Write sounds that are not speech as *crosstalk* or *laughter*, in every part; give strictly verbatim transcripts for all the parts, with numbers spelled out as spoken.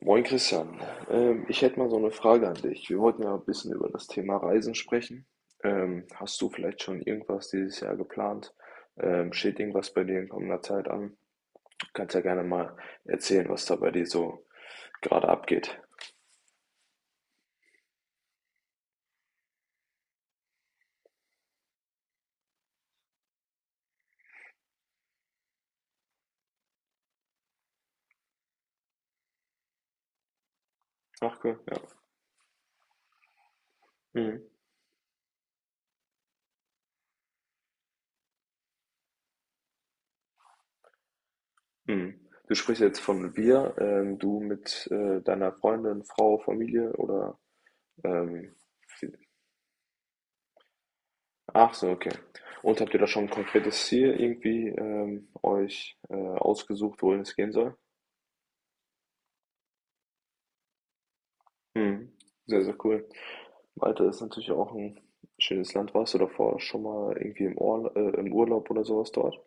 Moin Christian, ähm, ich hätte mal so eine Frage an dich. Wir wollten ja ein bisschen über das Thema Reisen sprechen. Ähm, hast du vielleicht schon irgendwas dieses Jahr geplant? Ähm, steht irgendwas bei dir in kommender Zeit an? Du kannst ja gerne mal erzählen, was da bei dir so gerade abgeht. Ach cool, ja. Mhm. Mhm. Du sprichst jetzt von wir, ähm, du mit äh, deiner Freundin, Frau, Familie oder ähm, ach so, okay. Und habt ihr da schon ein konkretes Ziel irgendwie ähm, euch äh, ausgesucht, wohin es gehen soll? Mhm. Sehr, sehr cool. Malta ist natürlich auch ein schönes Land. Warst du davor schon mal irgendwie im, Orla äh, im Urlaub oder sowas dort?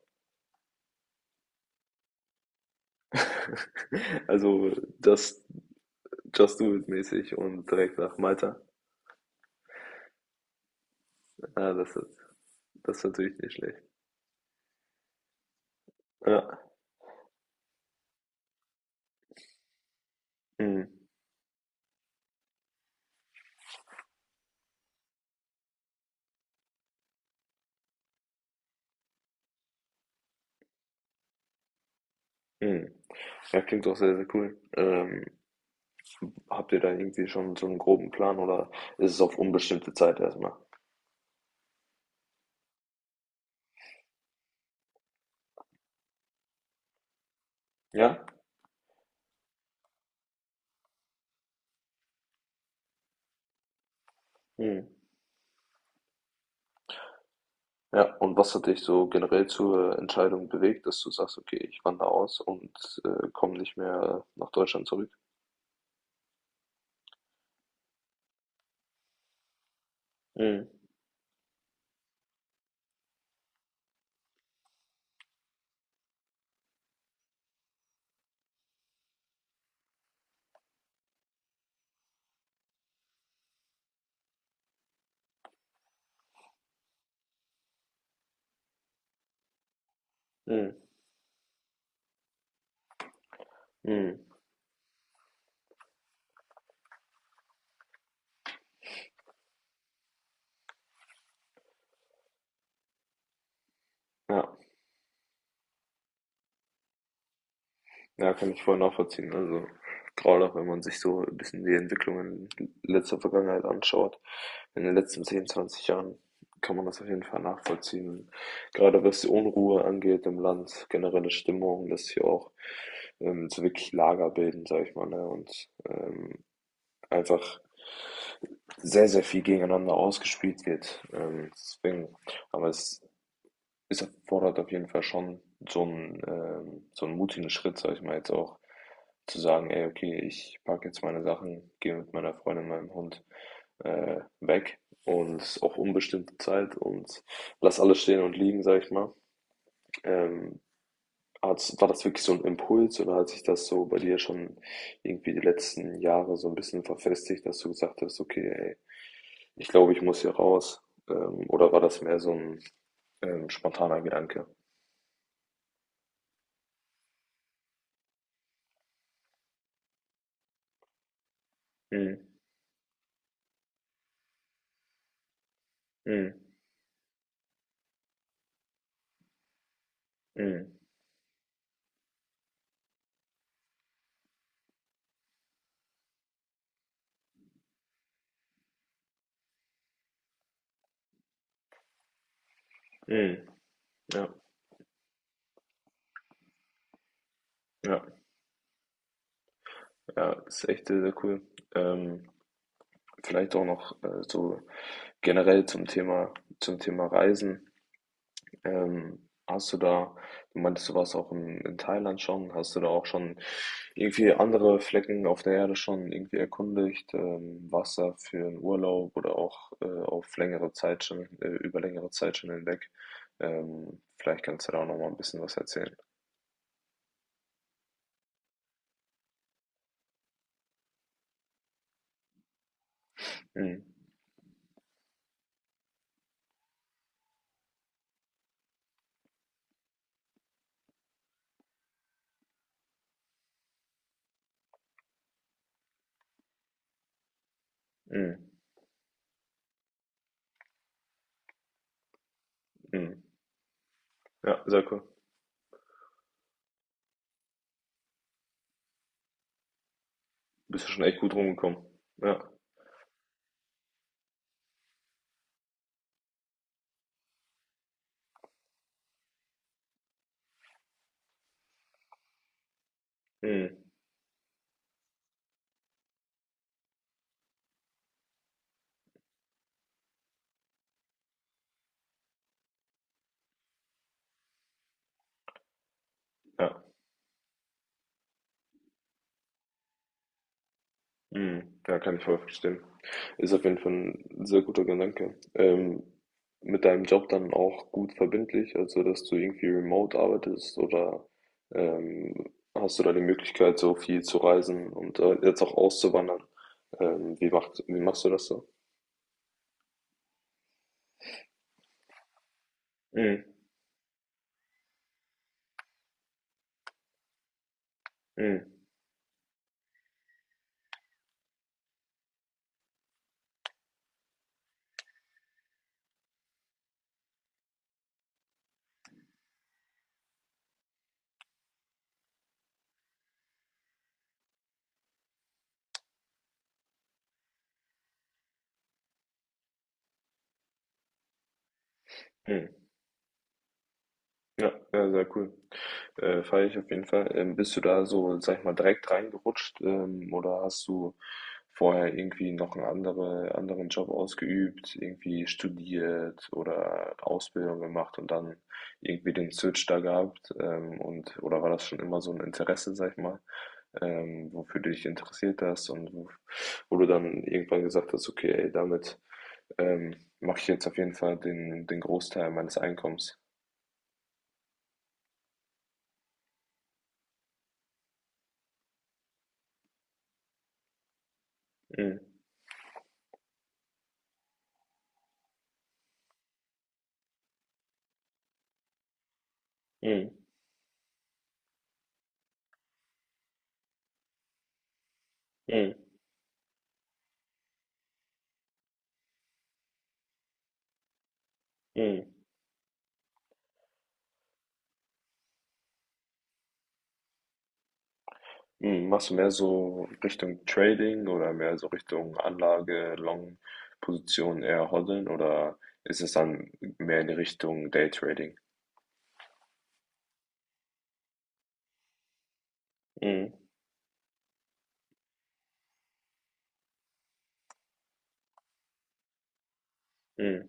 *laughs* Also just, just do it mäßig und direkt nach Malta. Ja, das ist, das ist natürlich nicht schlecht. Ja. Mhm. Mhm. Ja, klingt doch sehr, sehr cool. Ähm, habt ihr da irgendwie schon so einen groben Plan oder ist es auf unbestimmte Zeit erstmal? Ja? Hm. Ja, und was hat dich so generell zur Entscheidung bewegt, dass du sagst, okay, ich wandere aus und äh, komme nicht mehr nach Deutschland zurück? Hm. Hm. Hm. Ja. Ja, kann ich voll nachvollziehen. Also gerade auch wenn man sich so ein bisschen die Entwicklungen in letzter Vergangenheit anschaut, in den letzten zehn zwanzig Jahren kann man das auf jeden Fall nachvollziehen. Gerade was die Unruhe angeht im Land, generelle Stimmung, dass hier auch ähm, so wirklich Lager bilden, sag ich mal, ne? Und ähm, einfach sehr, sehr viel gegeneinander ausgespielt wird. Ähm, deswegen, aber es ist erfordert auf jeden Fall schon so einen, ähm, so einen mutigen Schritt, sag ich mal jetzt auch, zu sagen, ey, okay, ich packe jetzt meine Sachen, gehe mit meiner Freundin, meinem Hund äh, weg und auch unbestimmte Zeit und lass alles stehen und liegen, sag ich mal. Ähm, hat's, war das wirklich so ein Impuls oder hat sich das so bei dir schon irgendwie die letzten Jahre so ein bisschen verfestigt, dass du gesagt hast, okay, ey, ich glaube, ich muss hier raus. Ähm, oder war das mehr so ein ähm, spontaner Gedanke? Mhm. Mhm. Mhm. Mhm. Ja, ja, ja, ist echt sehr, sehr cool. Ähm, vielleicht auch noch, äh, so generell zum Thema zum Thema Reisen. Ähm, hast du da, du meintest, du warst auch in, in Thailand schon, hast du da auch schon irgendwie andere Flecken auf der Erde schon irgendwie erkundigt? Ähm, warst da für einen Urlaub oder auch äh, auf längere Zeit schon, äh, über längere Zeit schon hinweg? Ähm, vielleicht kannst du da auch noch mal ein bisschen was erzählen. Mhm. Mhm. Mhm. Ja, sehr cool. Bist du schon echt gut rumgekommen. Ja. Mhm. Ja. Mhm. Ja, kann ich voll verstehen. Ist auf jeden Fall ein sehr guter Gedanke. Ähm, mit deinem Job dann auch gut verbindlich, also dass du irgendwie remote arbeitest oder, ähm, hast du da die Möglichkeit, so viel zu reisen und, äh, jetzt auch auszuwandern? Ähm, wie macht wie machst du das so? Mhm. Mhm. Mhm. Ja, ja, sehr cool. Äh, feiere ich auf jeden Fall. Ähm, bist du da so, sag ich mal, direkt reingerutscht, ähm, oder hast du vorher irgendwie noch einen andere, anderen Job ausgeübt, irgendwie studiert oder Ausbildung gemacht und dann irgendwie den Switch da gehabt? Ähm, und, oder war das schon immer so ein Interesse, sag ich mal, ähm, wofür du dich interessiert hast und wo, wo du dann irgendwann gesagt hast, okay, ey, damit ähm, mache ich jetzt auf jeden Fall den, den Großteil meines Einkommens. Mhm. Mhm. Mhm. Mhm. Mhm. Machst du mehr so Richtung Trading oder mehr so Richtung Anlage, Long-Position eher hoddeln oder ist es dann mehr in die Richtung Daytrading? Mhm. Mhm.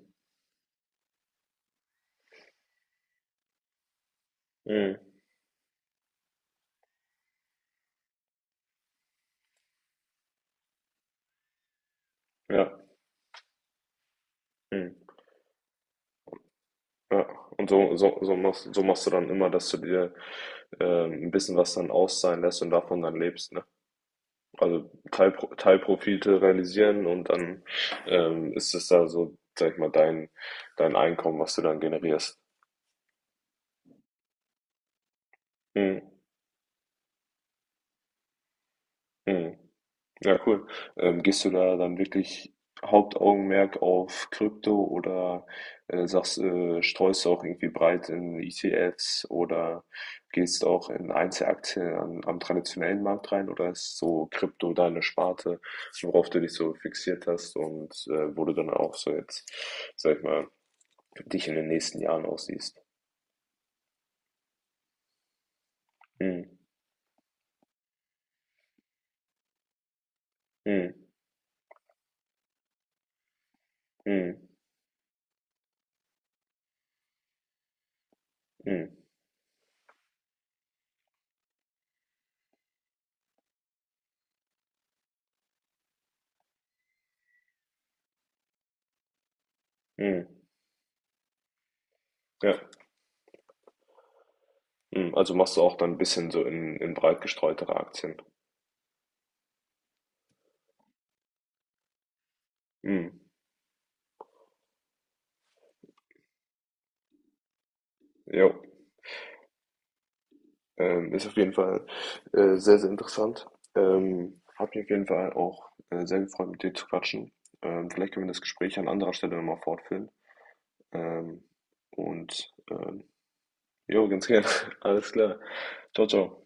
Mhm. Ja. Mhm. Ja. Und so, so, so machst, so machst du dann immer, dass du dir ähm, ein bisschen was dann auszahlen lässt und davon dann lebst, ne? Also Teilpro Teilprofite realisieren und dann ähm, ist es da so, sag ich mal, dein, dein Einkommen, was du dann generierst. Mhm. Ja, cool. Ähm, gehst du da dann wirklich Hauptaugenmerk auf Krypto oder äh, sagst, äh, streust du auch irgendwie breit in E T Fs oder gehst auch in Einzelaktien am, am traditionellen Markt rein oder ist so Krypto deine Sparte, worauf du dich so fixiert hast und äh, wo du dann auch so jetzt, sag ich mal, dich in den nächsten Jahren aussiehst? Mhm. Mhm. Mhm. Mhm. Mhm. Ja. Mhm, also machst du auch dann ein bisschen so in in breit gestreutere Aktien. Mhm, jo. Ähm, ist auf jeden Fall, äh, sehr, sehr interessant. Ähm, hat mich auf jeden Fall auch, äh, sehr gefreut, mit dir zu quatschen. Ähm, vielleicht können wir das Gespräch an anderer Stelle noch mal fortführen. Ähm, und, ähm, jo, ganz gerne. *laughs* Alles klar. Ciao ciao.